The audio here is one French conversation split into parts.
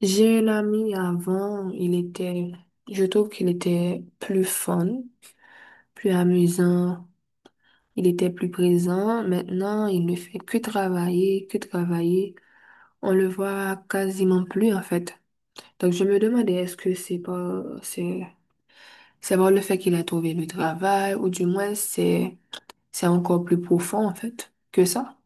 J'ai un ami avant, je trouve qu'il était plus fun, plus amusant, il était plus présent. Maintenant, il ne fait que travailler, que travailler. On le voit quasiment plus, en fait. Donc, je me demandais, est-ce que c'est pas le fait qu'il a trouvé le travail, ou du moins, c'est encore plus profond, en fait, que ça?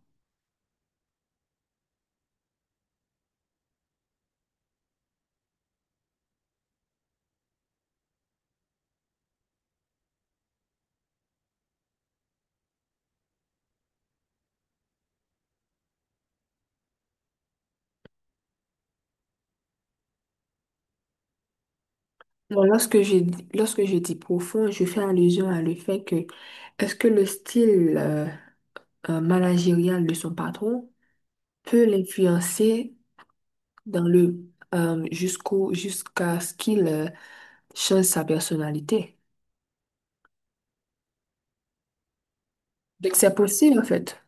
Bon, lorsque je dis profond, je fais allusion à le fait que, est-ce que le style, managériale de son patron peut l'influencer dans le, jusqu'à ce qu'il change sa personnalité. Donc c'est possible en fait.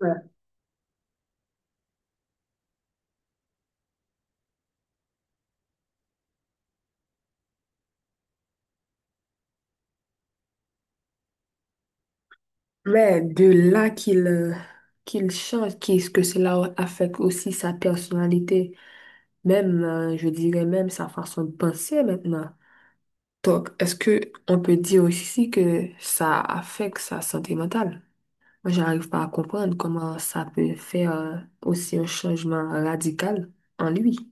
Ouais. Mais de là qu'il qu'il change, qu'est-ce que cela affecte aussi sa personnalité, même je dirais même sa façon de penser maintenant. Donc est-ce que on peut dire aussi que ça affecte sa santé mentale? Moi, j'arrive pas à comprendre comment ça peut faire aussi un changement radical en lui.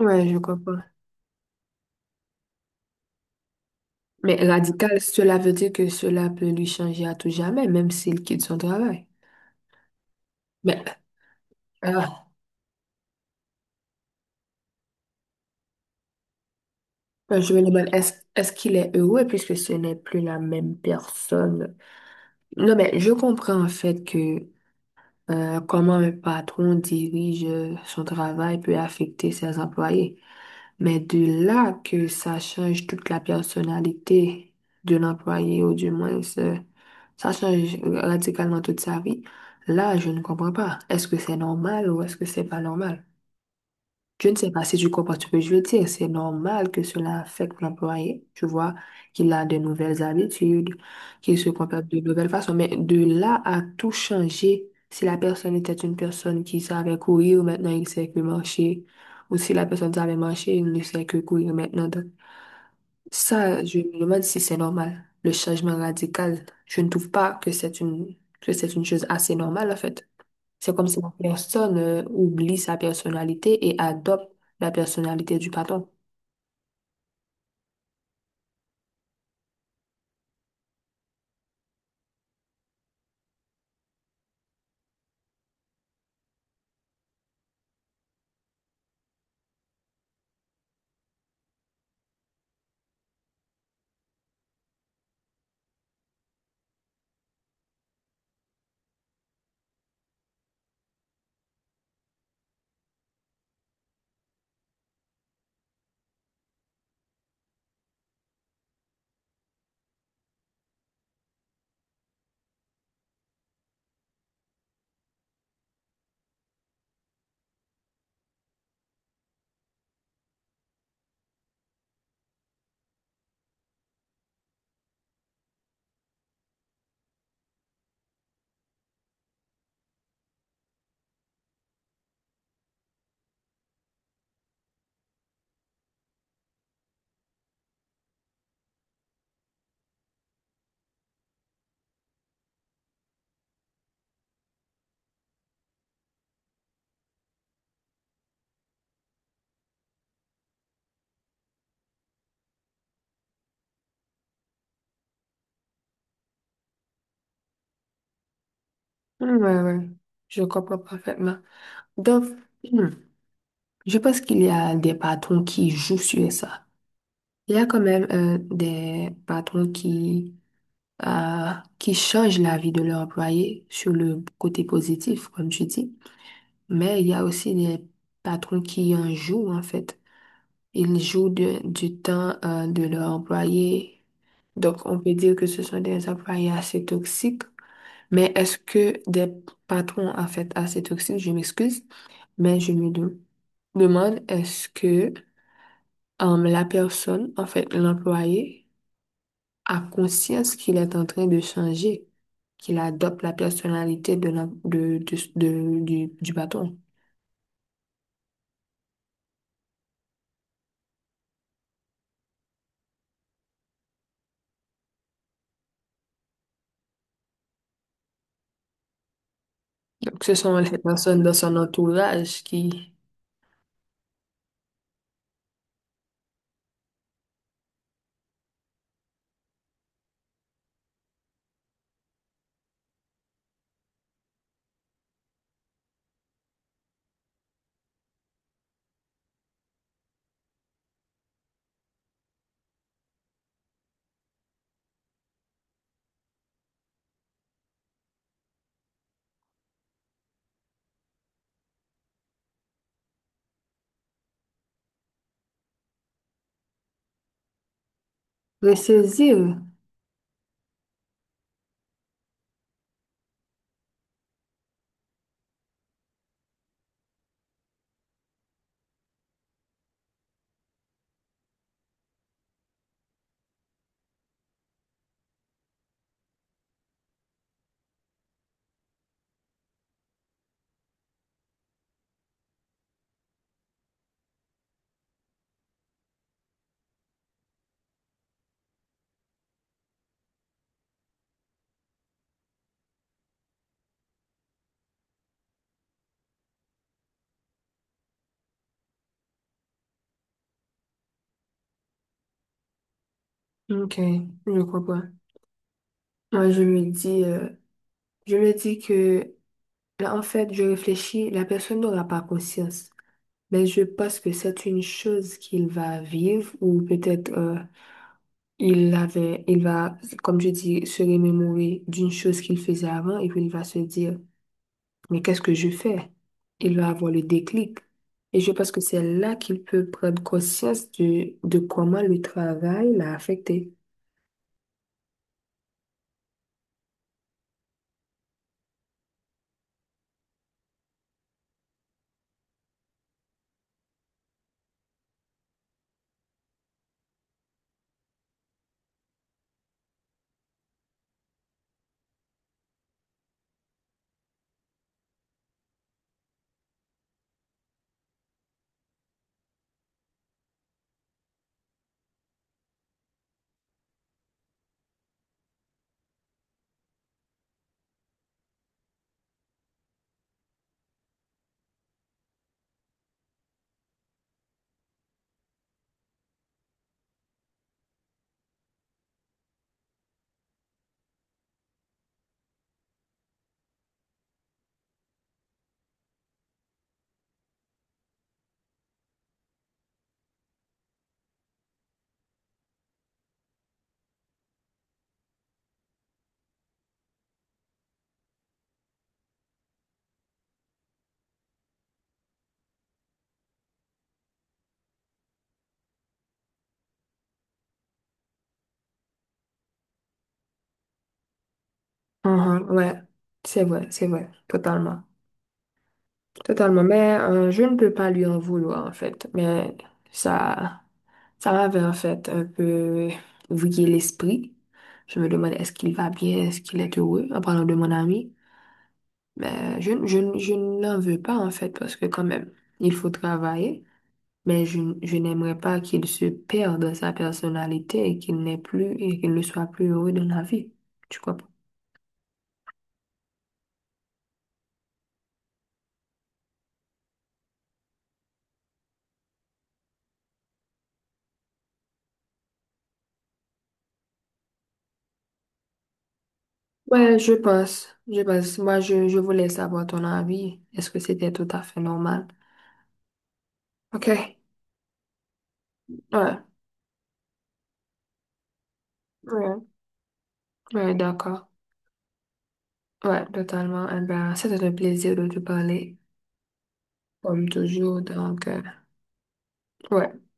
Ouais, je comprends. Mais radical, cela veut dire que cela peut lui changer à tout jamais, même s'il quitte son travail. Mais euh, je me demande, est-ce qu'il est heureux puisque ce n'est plus la même personne? Non, mais je comprends en fait que comment un patron dirige son travail peut affecter ses employés. Mais de là que ça change toute la personnalité de l'employé, ou du moins ça change radicalement toute sa vie, là, je ne comprends pas. Est-ce que c'est normal ou est-ce que c'est pas normal? Je ne sais pas si tu comprends ce que je veux dire. C'est normal que cela affecte l'employé. Tu vois qu'il a de nouvelles habitudes, qu'il se comporte de nouvelles façons. Mais de là à tout changer, si la personne était une personne qui savait courir, maintenant il sait que marcher. Ou si la personne savait marcher, il ne sait que courir maintenant. Donc, ça, je me demande si c'est normal. Le changement radical, je ne trouve pas que c'est que c'est une chose assez normale, en fait. C'est comme si la personne oublie sa personnalité et adopte la personnalité du patron. Hmm, ouais, ouais. Je comprends parfaitement. Donc, hmm, je pense qu'il y a des patrons qui jouent sur ça. Il y a quand même des patrons euh, qui changent la vie de leur employé sur le côté positif, comme tu dis. Mais il y a aussi des patrons qui en jouent, en fait. Ils jouent du temps de leur employé. Donc, on peut dire que ce sont des employés assez toxiques. Mais est-ce que des patrons, en fait, assez toxiques, je m'excuse, mais demande, est-ce que la personne, en fait, l'employé, a conscience qu'il est en train de changer, qu'il adopte la personnalité de du patron. Donc, ce sont les personnes dans son entourage qui ressaisirent. OK, je comprends. Moi, je me dis que là, en fait, je réfléchis, la personne n'aura pas conscience, mais je pense que c'est une chose qu'il va vivre ou peut-être il va, comme je dis, se remémorer d'une chose qu'il faisait avant et puis il va se dire, mais qu'est-ce que je fais? Il va avoir le déclic. Et je pense que c'est là qu'il peut prendre conscience de comment le travail l'a affecté. Mhm, ouais, c'est vrai, totalement. Totalement, mais je ne peux pas lui en vouloir en fait, mais ça. Ça m'avait en fait un peu vrillé l'esprit. Je me demandais est-ce qu'il va bien, est-ce qu'il est heureux en parlant de mon ami. Mais je n'en veux pas en fait parce que quand même, il faut travailler. Mais je n'aimerais pas qu'il se perde dans sa personnalité et qu'il n'ait plus et qu'il ne soit plus heureux dans la vie. Tu crois pas? Ouais, je pense. Je pense. Je voulais savoir ton avis. Est-ce que c'était tout à fait normal? Ok. Ouais. Ouais. Ouais, d'accord. Ouais, totalement. Eh ben, c'était un plaisir de te parler, comme toujours. Donc, ouais.